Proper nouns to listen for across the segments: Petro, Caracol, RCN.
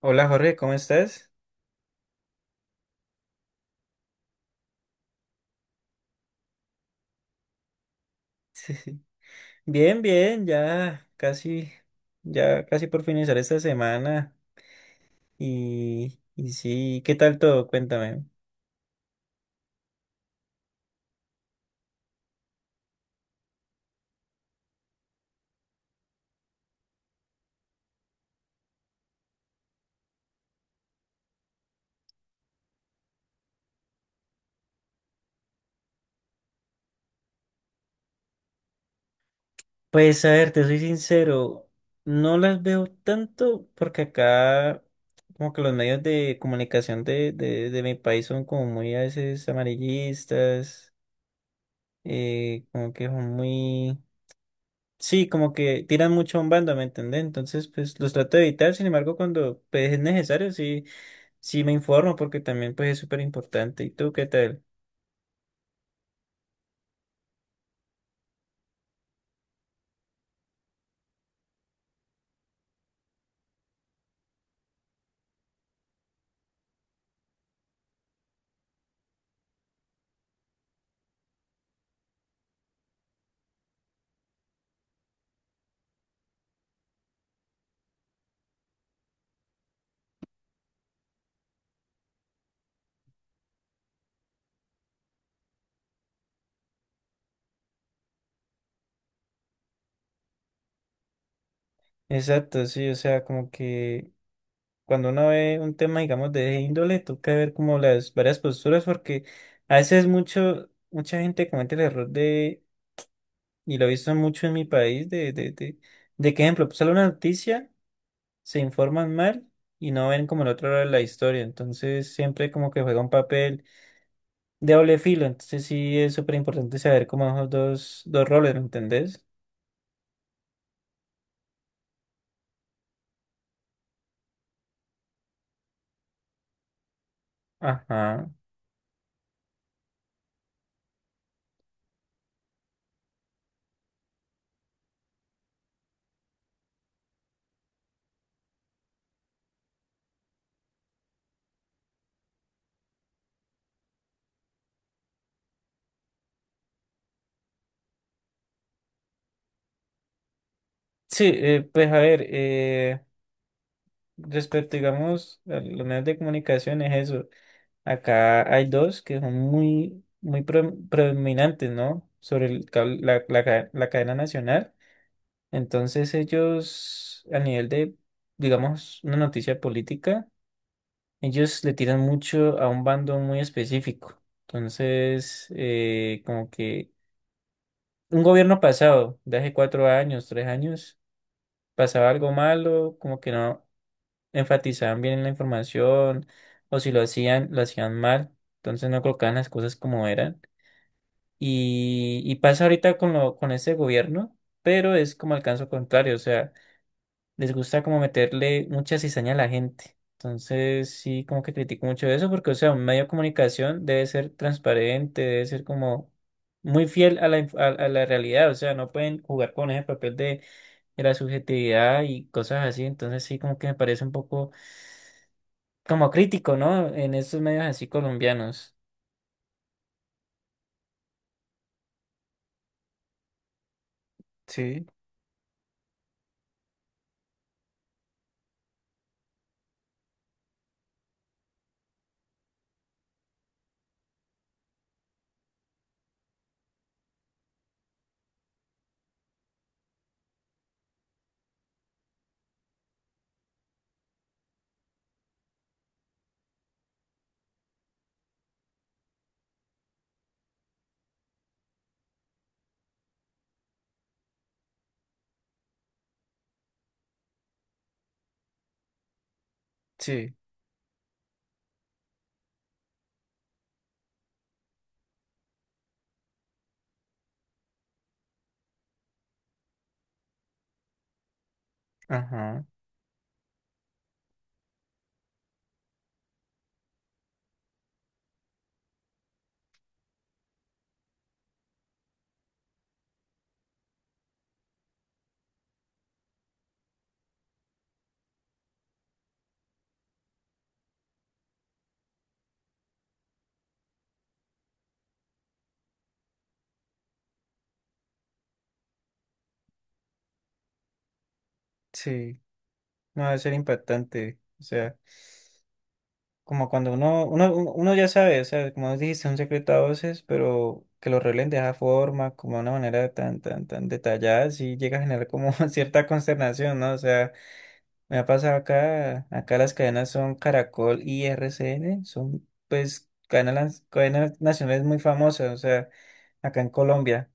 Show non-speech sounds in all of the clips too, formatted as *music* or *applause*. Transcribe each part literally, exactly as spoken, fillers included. Hola Jorge, ¿cómo estás? *laughs* Bien, bien, ya casi, ya casi por finalizar esta semana. Y, y sí, ¿qué tal todo? Cuéntame. Pues a ver, te soy sincero, no las veo tanto porque acá como que los medios de comunicación de, de, de mi país son como muy a veces amarillistas, eh, como que son muy... Sí, como que tiran mucho a un bando, ¿me entendés? Entonces, pues los trato de evitar, sin embargo, cuando pues, es necesario, sí. Sí, me informo porque también pues es súper importante. ¿Y tú qué tal? Exacto, sí, o sea, como que cuando uno ve un tema, digamos, de esa índole, toca ver como las varias posturas porque a veces mucho, mucha gente comete el error de, y lo he visto mucho en mi país, de, de, de, de que, ejemplo, sale una noticia, se informan mal y no ven como el otro lado de la historia. Entonces siempre como que juega un papel de doble filo. Entonces sí es súper importante saber como esos dos, dos roles, ¿me entendés? Ajá. Sí, eh, pues a ver, eh, respecto, digamos, a los medios de comunicación es eso. Acá hay dos que son muy, muy pre- predominantes, ¿no? Sobre el cable- la, la ca- la cadena nacional. Entonces ellos, a nivel de, digamos, una noticia política, ellos le tiran mucho a un bando muy específico. Entonces, eh, como que un gobierno pasado, de hace cuatro años, tres años, pasaba algo malo, como que no enfatizaban bien en la información o si lo hacían, lo hacían mal, entonces no colocaban las cosas como eran. Y, y pasa ahorita con lo, con este gobierno, pero es como el caso contrario, o sea, les gusta como meterle mucha cizaña a la gente. Entonces sí, como que critico mucho eso porque, o sea, un medio de comunicación debe ser transparente, debe ser como muy fiel a la, inf- a, a la realidad, o sea, no pueden jugar con ese papel de, de la subjetividad y cosas así, entonces sí, como que me parece un poco como crítico, ¿no? En estos medios así colombianos. Sí, sí, ajá, sí. No, debe ser impactante. O sea, como cuando uno, uno, uno ya sabe, o sea, como dijiste, un secreto a voces, pero que lo revelen de esa forma, como de una manera tan, tan, tan detallada, sí llega a generar como *laughs* cierta consternación, ¿no? O sea, me ha pasado acá, acá las cadenas son Caracol y R C N, son pues cadenas, cadenas nacionales muy famosas, o sea, acá en Colombia.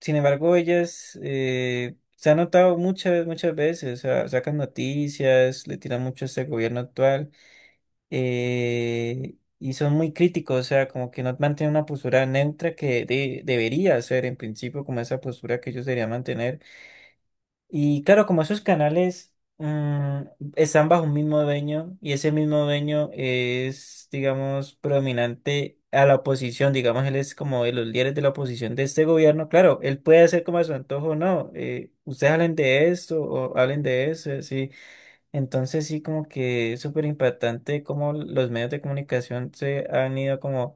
Sin embargo, ellas eh, se han notado muchas, muchas veces, o sea, sacan noticias, le tiran mucho a este gobierno actual eh, y son muy críticos, o sea, como que no mantienen una postura neutra que de- debería ser en principio como esa postura que ellos deberían mantener y claro, como esos canales mm, están bajo un mismo dueño y ese mismo dueño es, digamos, predominante a la oposición, digamos, él es como de los líderes de la oposición de este gobierno, claro, él puede hacer como a su antojo, no, eh, ustedes hablen de esto o hablen de eso, sí. Entonces sí, como que es súper impactante cómo los medios de comunicación se han ido como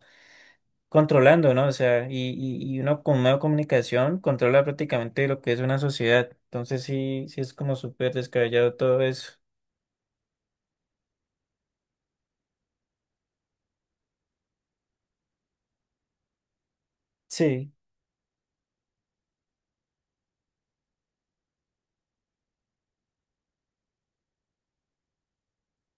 controlando, ¿no? O sea, y, y, y uno con medio de comunicación controla prácticamente lo que es una sociedad. Entonces sí, sí es como súper descabellado todo eso. Sí,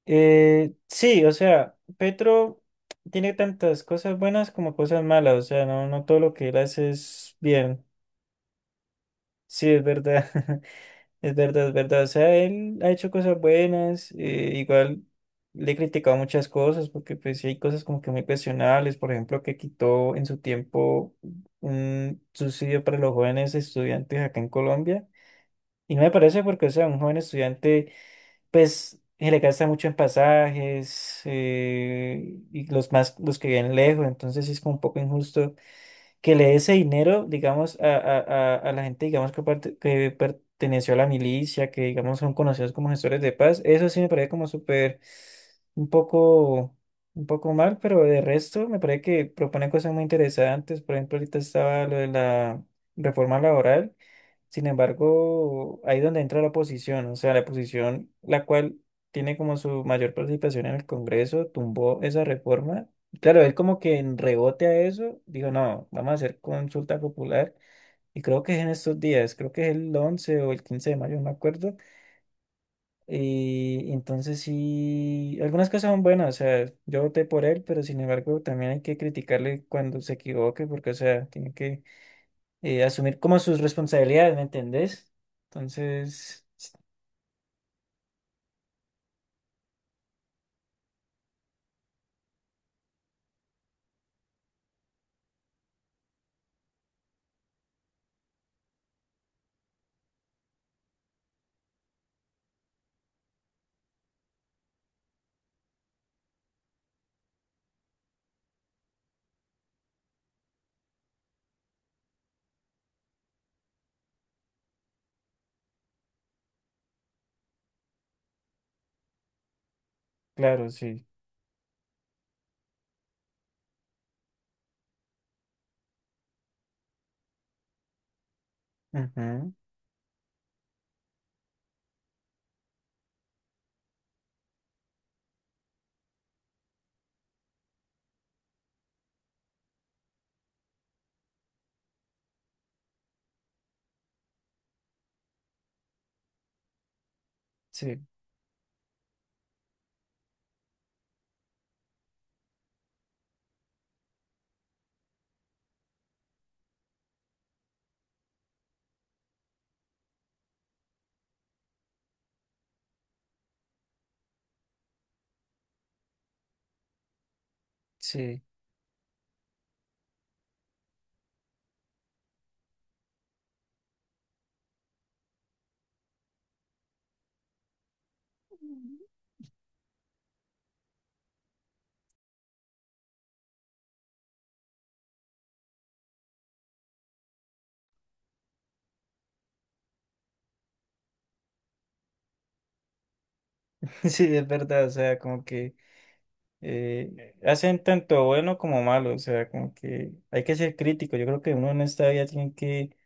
eh, sí, o sea, Petro tiene tantas cosas buenas como cosas malas, o sea, no, no todo lo que él hace es bien, sí, es verdad. *laughs* Es verdad, es verdad. O sea, él ha hecho cosas buenas, eh, igual le he criticado muchas cosas, porque pues sí hay cosas como que muy cuestionables, por ejemplo, que quitó en su tiempo un subsidio para los jóvenes estudiantes acá en Colombia. Y no me parece porque, o sea, un joven estudiante, pues, se le gasta mucho en pasajes, eh, y los más, los que viven lejos, entonces sí es como un poco injusto que le dé ese dinero, digamos, a, a- a- a la gente, digamos, que, parte- que perteneció a la milicia, que, digamos, son conocidos como gestores de paz, eso sí me parece como súper, un poco, un poco mal, pero de resto me parece que proponen cosas muy interesantes, por ejemplo, ahorita estaba lo de la reforma laboral sin embargo, ahí donde entra la oposición, o sea, la oposición, la cual tiene como su mayor participación en el Congreso, tumbó esa reforma. Y claro, él como que en rebote a eso, dijo, no, vamos a hacer consulta popular. Y creo que es en estos días, creo que es el once o el quince de mayo, no me acuerdo. Y entonces sí, algunas cosas son buenas, o sea, yo voté por él, pero sin embargo también hay que criticarle cuando se equivoque, porque, o sea, tiene que eh, asumir como sus responsabilidades, ¿me entendés? Entonces, s- claro, sí. Ujú. Sí, sí. *laughs* Sí, es verdad, o sea, como que eh, hacen tanto bueno como malo, o sea, como que hay que ser crítico. Yo creo que uno en esta vida tiene que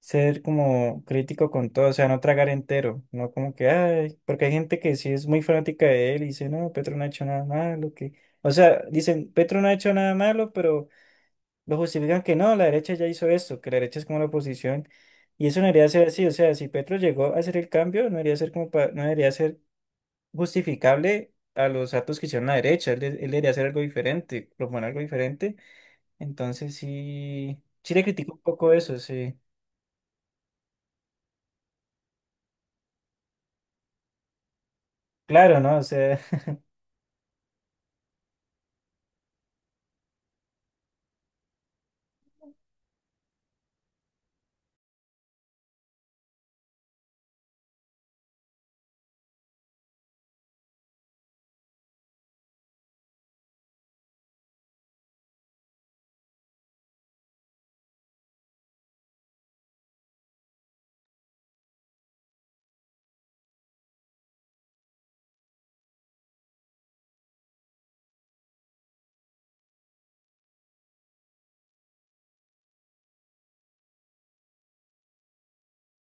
ser como crítico con todo, o sea, no tragar entero, no como que, ay, porque hay gente que sí es muy fanática de él y dice, no, Petro no ha hecho nada malo, que, o sea, dicen, Petro no ha hecho nada malo, pero lo justifican que no, la derecha ya hizo esto, que la derecha es como la oposición, y eso no debería ser así, o sea, si Petro llegó a hacer el cambio, no debería ser como pa- no debería ser justificable a los actos que hicieron la derecha, él, de- él debería hacer algo diferente, proponer algo diferente, entonces sí, sí le critico un poco eso, sí, claro, ¿no? O sea,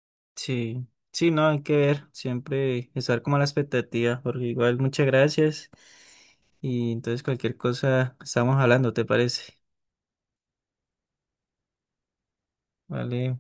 *laughs* sí, sí, no, hay que ver, siempre estar como a la expectativa, porque igual muchas gracias, y entonces cualquier cosa estamos hablando, ¿te parece? Vale.